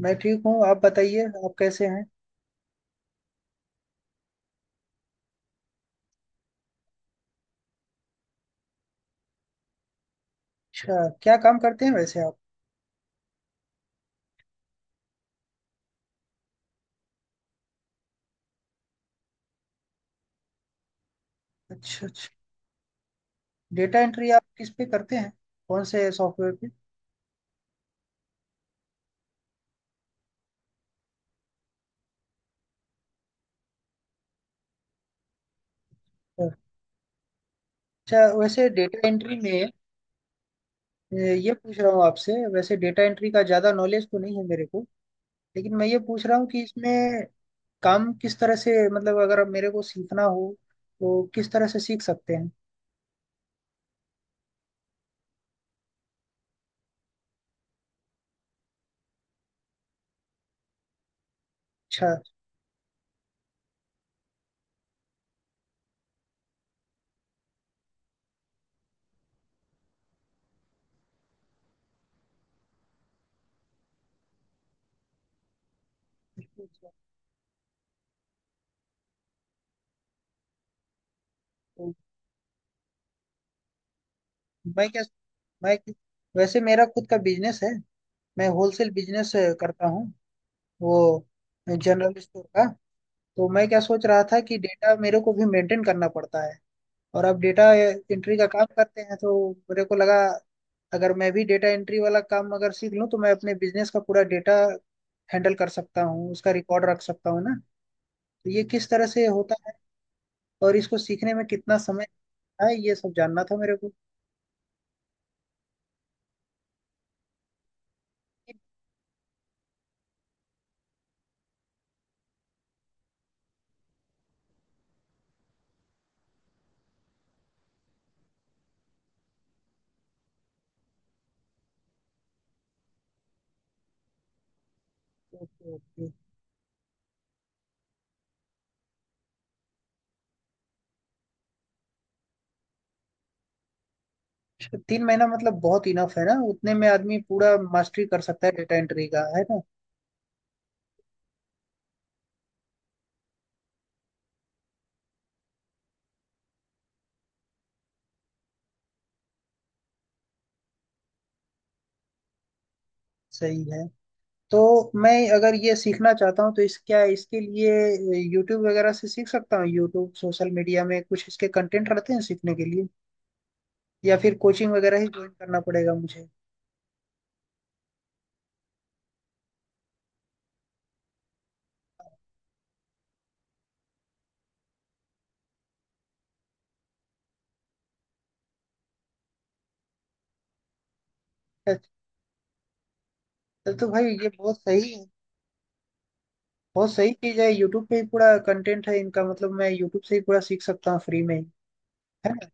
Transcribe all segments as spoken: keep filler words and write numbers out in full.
मैं ठीक हूँ। आप बताइए, आप कैसे हैं? अच्छा, क्या काम करते हैं वैसे आप? अच्छा अच्छा। डेटा एंट्री आप किस पे करते हैं? कौन से सॉफ्टवेयर पे? अच्छा, वैसे डेटा एंट्री में ए, ये पूछ रहा हूँ आपसे, वैसे डेटा एंट्री का ज़्यादा नॉलेज तो नहीं है मेरे को, लेकिन मैं ये पूछ रहा हूँ कि इसमें काम किस तरह से, मतलब अगर अब मेरे को सीखना हो तो किस तरह से सीख सकते हैं? अच्छा। तो मैं क्या मैं वैसे मेरा खुद का बिजनेस है। मैं होलसेल बिजनेस करता हूँ, वो जनरल स्टोर का। तो मैं क्या सोच रहा था कि डेटा मेरे को भी मेंटेन करना पड़ता है, और अब डेटा एंट्री का काम करते हैं तो मेरे को लगा अगर मैं भी डेटा एंट्री वाला काम अगर सीख लूँ तो मैं अपने बिजनेस का पूरा डेटा हैंडल कर सकता हूँ, उसका रिकॉर्ड रख सकता हूँ ना। तो ये किस तरह से होता है और इसको सीखने में कितना समय लगता है, ये सब जानना था मेरे को। Okay, okay. तीन महीना मतलब बहुत इनफ है ना, उतने में आदमी पूरा मास्टरी कर सकता है डेटा एंट्री का, है ना? सही है। तो मैं अगर ये सीखना चाहता हूँ तो इस क्या इसके लिए यूट्यूब वगैरह से सीख सकता हूँ? यूट्यूब, सोशल मीडिया में कुछ इसके कंटेंट रहते हैं सीखने के लिए, या फिर कोचिंग वगैरह ही ज्वाइन करना पड़ेगा मुझे? अच्छा, तो भाई ये बहुत सही है। बहुत सही चीज है, यूट्यूब पे ही पूरा कंटेंट है इनका। मतलब मैं यूट्यूब से ही पूरा सीख सकता हूँ फ्री में ही, है ना?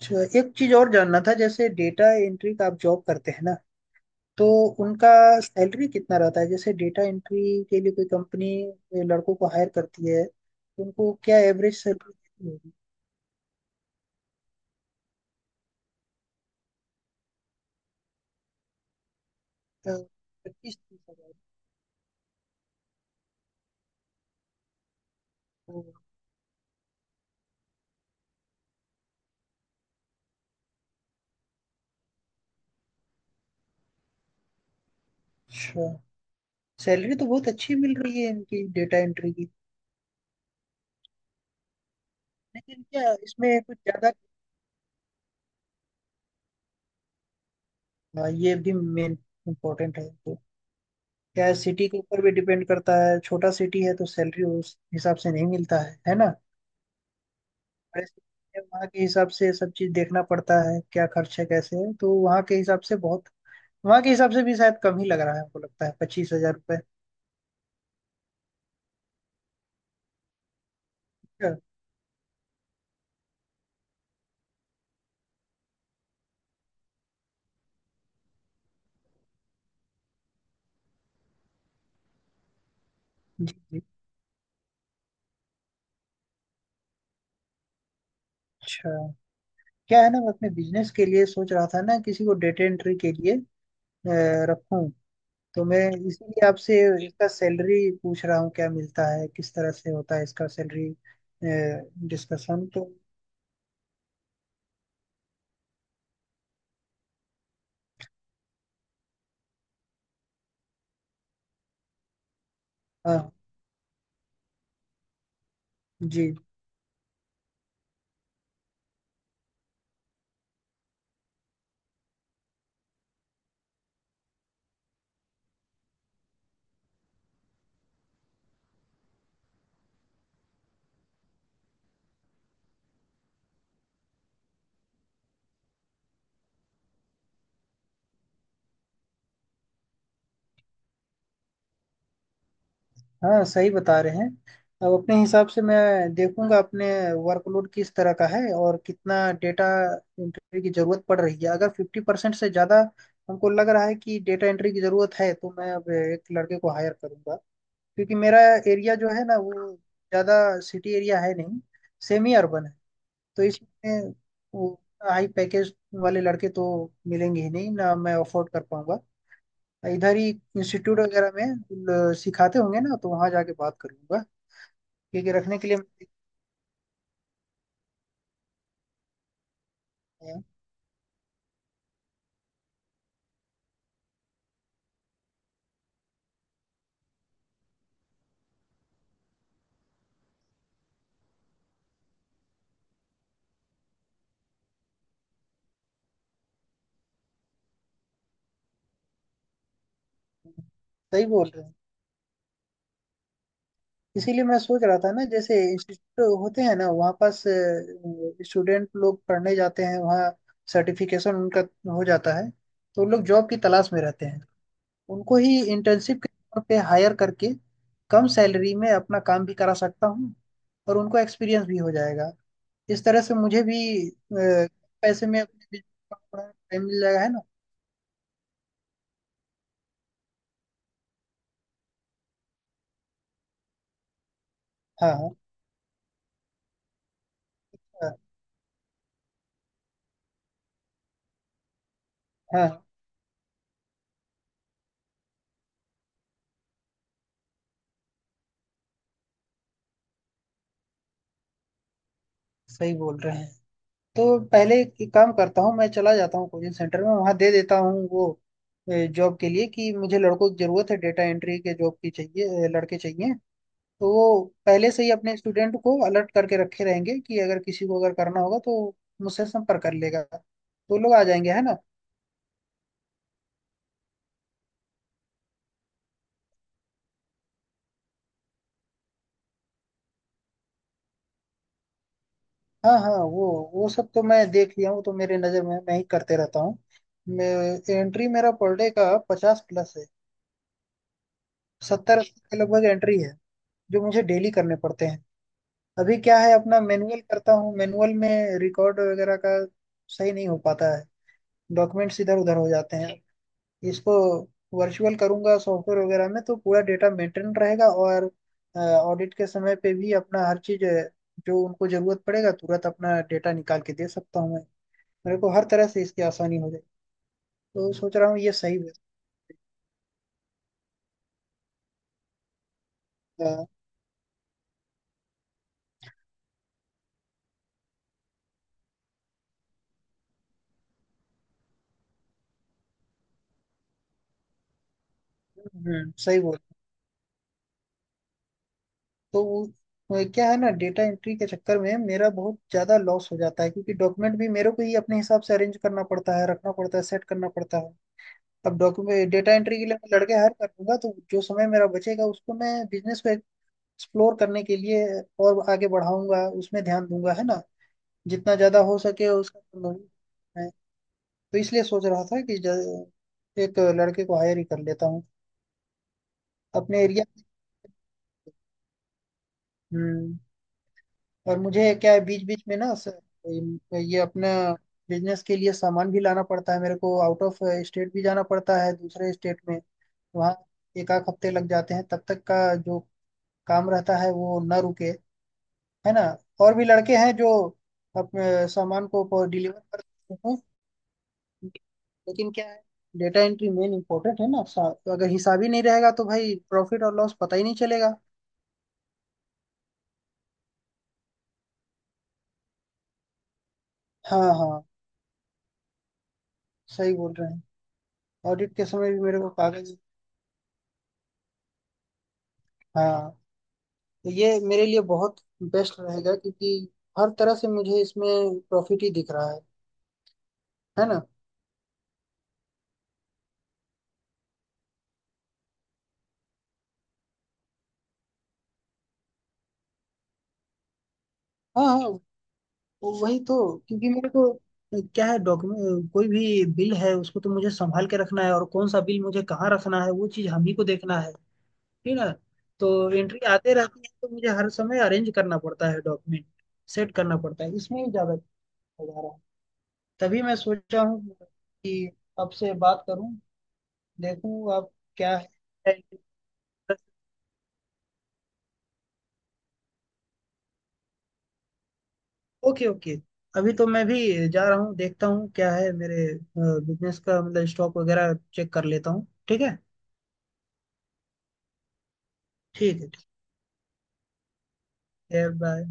अच्छा, एक चीज और जानना था। जैसे डेटा एंट्री का आप जॉब करते हैं ना, तो उनका सैलरी कितना रहता है? जैसे डेटा एंट्री के लिए कोई कंपनी लड़कों को हायर करती है तो उनको क्या एवरेज सैलरी देती होगी? पच्चीस तीस हजार। तो अच्छा, सैलरी तो बहुत अच्छी मिल रही है इनकी डेटा एंट्री की। लेकिन क्या इसमें कुछ ज्यादा हाँ, ये भी मेन इम्पोर्टेंट है। तो क्या सिटी के ऊपर भी डिपेंड करता है? छोटा सिटी है तो सैलरी उस हिसाब से नहीं मिलता है है ना? बड़े city में वहाँ के हिसाब से सब चीज देखना पड़ता है, क्या खर्च है कैसे है, तो वहाँ के हिसाब से बहुत वहाँ के हिसाब से भी शायद कम ही लग रहा है हमको, लगता है पच्चीस हजार रुपये। जी जी। अच्छा, क्या है ना, मैं अपने बिजनेस के लिए सोच रहा था ना किसी को डेटा एंट्री के लिए अ, रखूं। तो मैं इसीलिए आपसे इसका सैलरी पूछ रहा हूँ, क्या मिलता है, किस तरह से होता है इसका सैलरी डिस्कशन तो। हाँ जी हाँ, सही बता रहे हैं। अब अपने हिसाब से मैं देखूंगा अपने वर्कलोड किस तरह का है और कितना डेटा एंट्री की जरूरत पड़ रही है। अगर फिफ्टी परसेंट से ज़्यादा हमको लग रहा है कि डेटा एंट्री की ज़रूरत है तो मैं अब एक लड़के को हायर करूंगा। क्योंकि मेरा एरिया जो है ना वो ज़्यादा सिटी एरिया है नहीं, सेमी अर्बन है। तो इसमें वो हाई पैकेज वाले लड़के तो मिलेंगे ही नहीं ना, मैं अफोर्ड कर पाऊंगा इधर ही। इंस्टीट्यूट वगैरह में ल- सिखाते होंगे ना, तो वहाँ जाके बात करूंगा क्योंकि रखने के लिए हैं। सही बोल रहे हैं। इसीलिए मैं सोच रहा था ना, जैसे इंस्टीट्यूट होते हैं ना वहाँ पास स्टूडेंट लोग पढ़ने जाते हैं, वहाँ सर्टिफिकेशन उनका हो जाता है तो लोग जॉब की तलाश में रहते हैं। उनको ही इंटर्नशिप के तौर पे हायर करके कम सैलरी में अपना काम भी करा सकता हूँ और उनको एक्सपीरियंस भी हो जाएगा। इस तरह से मुझे भी अ, पैसे में अपने बिजनेस का थोड़ा टाइम मिल जाएगा, है ना? हाँ हाँ हाँ हाँ, सही बोल रहे हैं। तो पहले एक काम करता हूँ, मैं चला जाता हूँ कोचिंग सेंटर में, वहाँ दे देता हूँ वो जॉब के लिए कि मुझे लड़कों की जरूरत है, डेटा एंट्री के जॉब की चाहिए, अ, लड़के चाहिए। तो वो पहले से ही अपने स्टूडेंट को अलर्ट करके रखे रहेंगे कि अगर किसी को अगर करना होगा तो मुझसे संपर्क कर लेगा, तो लोग आ जाएंगे, है ना? हाँ हाँ, वो वो सब तो मैं देख लिया हूँ, तो मेरे नज़र में मैं ही करते रहता हूँ। मैं- एंट्री मेरा पर डे का पचास प्लस है, सत्तर अस्सी के लगभग एंट्री है जो मुझे डेली करने पड़ते हैं। अभी क्या है, अपना मैनुअल करता हूँ, मैनुअल में रिकॉर्ड वगैरह का सही नहीं हो पाता है, डॉक्यूमेंट्स इधर उधर हो जाते हैं। इसको वर्चुअल करूंगा सॉफ्टवेयर वगैरह में, तो पूरा डेटा मेंटेन रहेगा और ऑडिट के समय पे भी अपना हर चीज अ, जो उनको जरूरत पड़ेगा तुरंत अपना डेटा निकाल के दे सकता हूँ मैं। मेरे को हर तरह से इसकी आसानी हो जाए, तो सोच रहा हूँ ये सही है। अ, हम्म, सही बोल। तो वो- वो क्या है ना, डेटा एंट्री के चक्कर में मेरा बहुत ज्यादा लॉस हो जाता है क्योंकि डॉक्यूमेंट भी मेरे को ही अपने हिसाब से अरेंज करना पड़ता है, रखना पड़ता है, सेट करना पड़ता है। अब डॉक्यूमेंट डेटा एंट्री के लिए मैं लड़के हायर कर लूंगा तो जो समय मेरा बचेगा उसको मैं बिजनेस को एक्सप्लोर करने के लिए और आगे बढ़ाऊंगा, उसमें ध्यान दूंगा, है ना, जितना ज्यादा हो सके उसका। मैं- तो इसलिए सोच रहा था कि ज- एक लड़के को हायर ही कर लेता हूँ अपने एरिया में। हम्म। और मुझे क्या है, बीच बीच में ना स- ये अपना बिजनेस के लिए सामान भी लाना पड़ता है मेरे को, आउट ऑफ स्टेट भी जाना पड़ता है, दूसरे स्टेट में। वहाँ एक आध हफ्ते लग जाते हैं, तब तक का जो काम रहता है वो ना रुके, है ना। और भी लड़के हैं जो अपने सामान को डिलीवर कर देते हैं। लेकिन क्या है, डेटा एंट्री मेन इम्पोर्टेंट है ना सा- तो अगर हिसाब ही नहीं रहेगा तो भाई प्रॉफिट और लॉस पता ही नहीं चलेगा। हाँ हाँ, सही बोल रहे हैं। ऑडिट के समय भी मेरे को कागज हाँ, तो ये मेरे लिए बहुत बेस्ट रहेगा, क्योंकि हर तरह से मुझे इसमें प्रॉफिट ही दिख रहा है है ना। हाँ हाँ, वही तो। क्योंकि मेरे को क्या है, डॉक्यूमेंट कोई भी बिल है उसको तो मुझे संभाल के रखना है और कौन सा बिल मुझे कहाँ रखना है वो चीज़ हम ही को देखना है, ठीक है। तो एंट्री आते रहती है तो मुझे हर समय अरेंज करना पड़ता है डॉक्यूमेंट, सेट करना पड़ता है, इसमें ही ज़्यादा हो जा रहा है। तभी मैं सोचा हूँ कि आपसे बात करूँ, देखूँ आप क्या है। ओके ओके, अभी तो मैं भी जा रहा हूँ, देखता हूँ क्या है मेरे बिजनेस का, मतलब स्टॉक वगैरह चेक कर लेता हूँ। ठीक है, ठीक है ठीक है। बाय।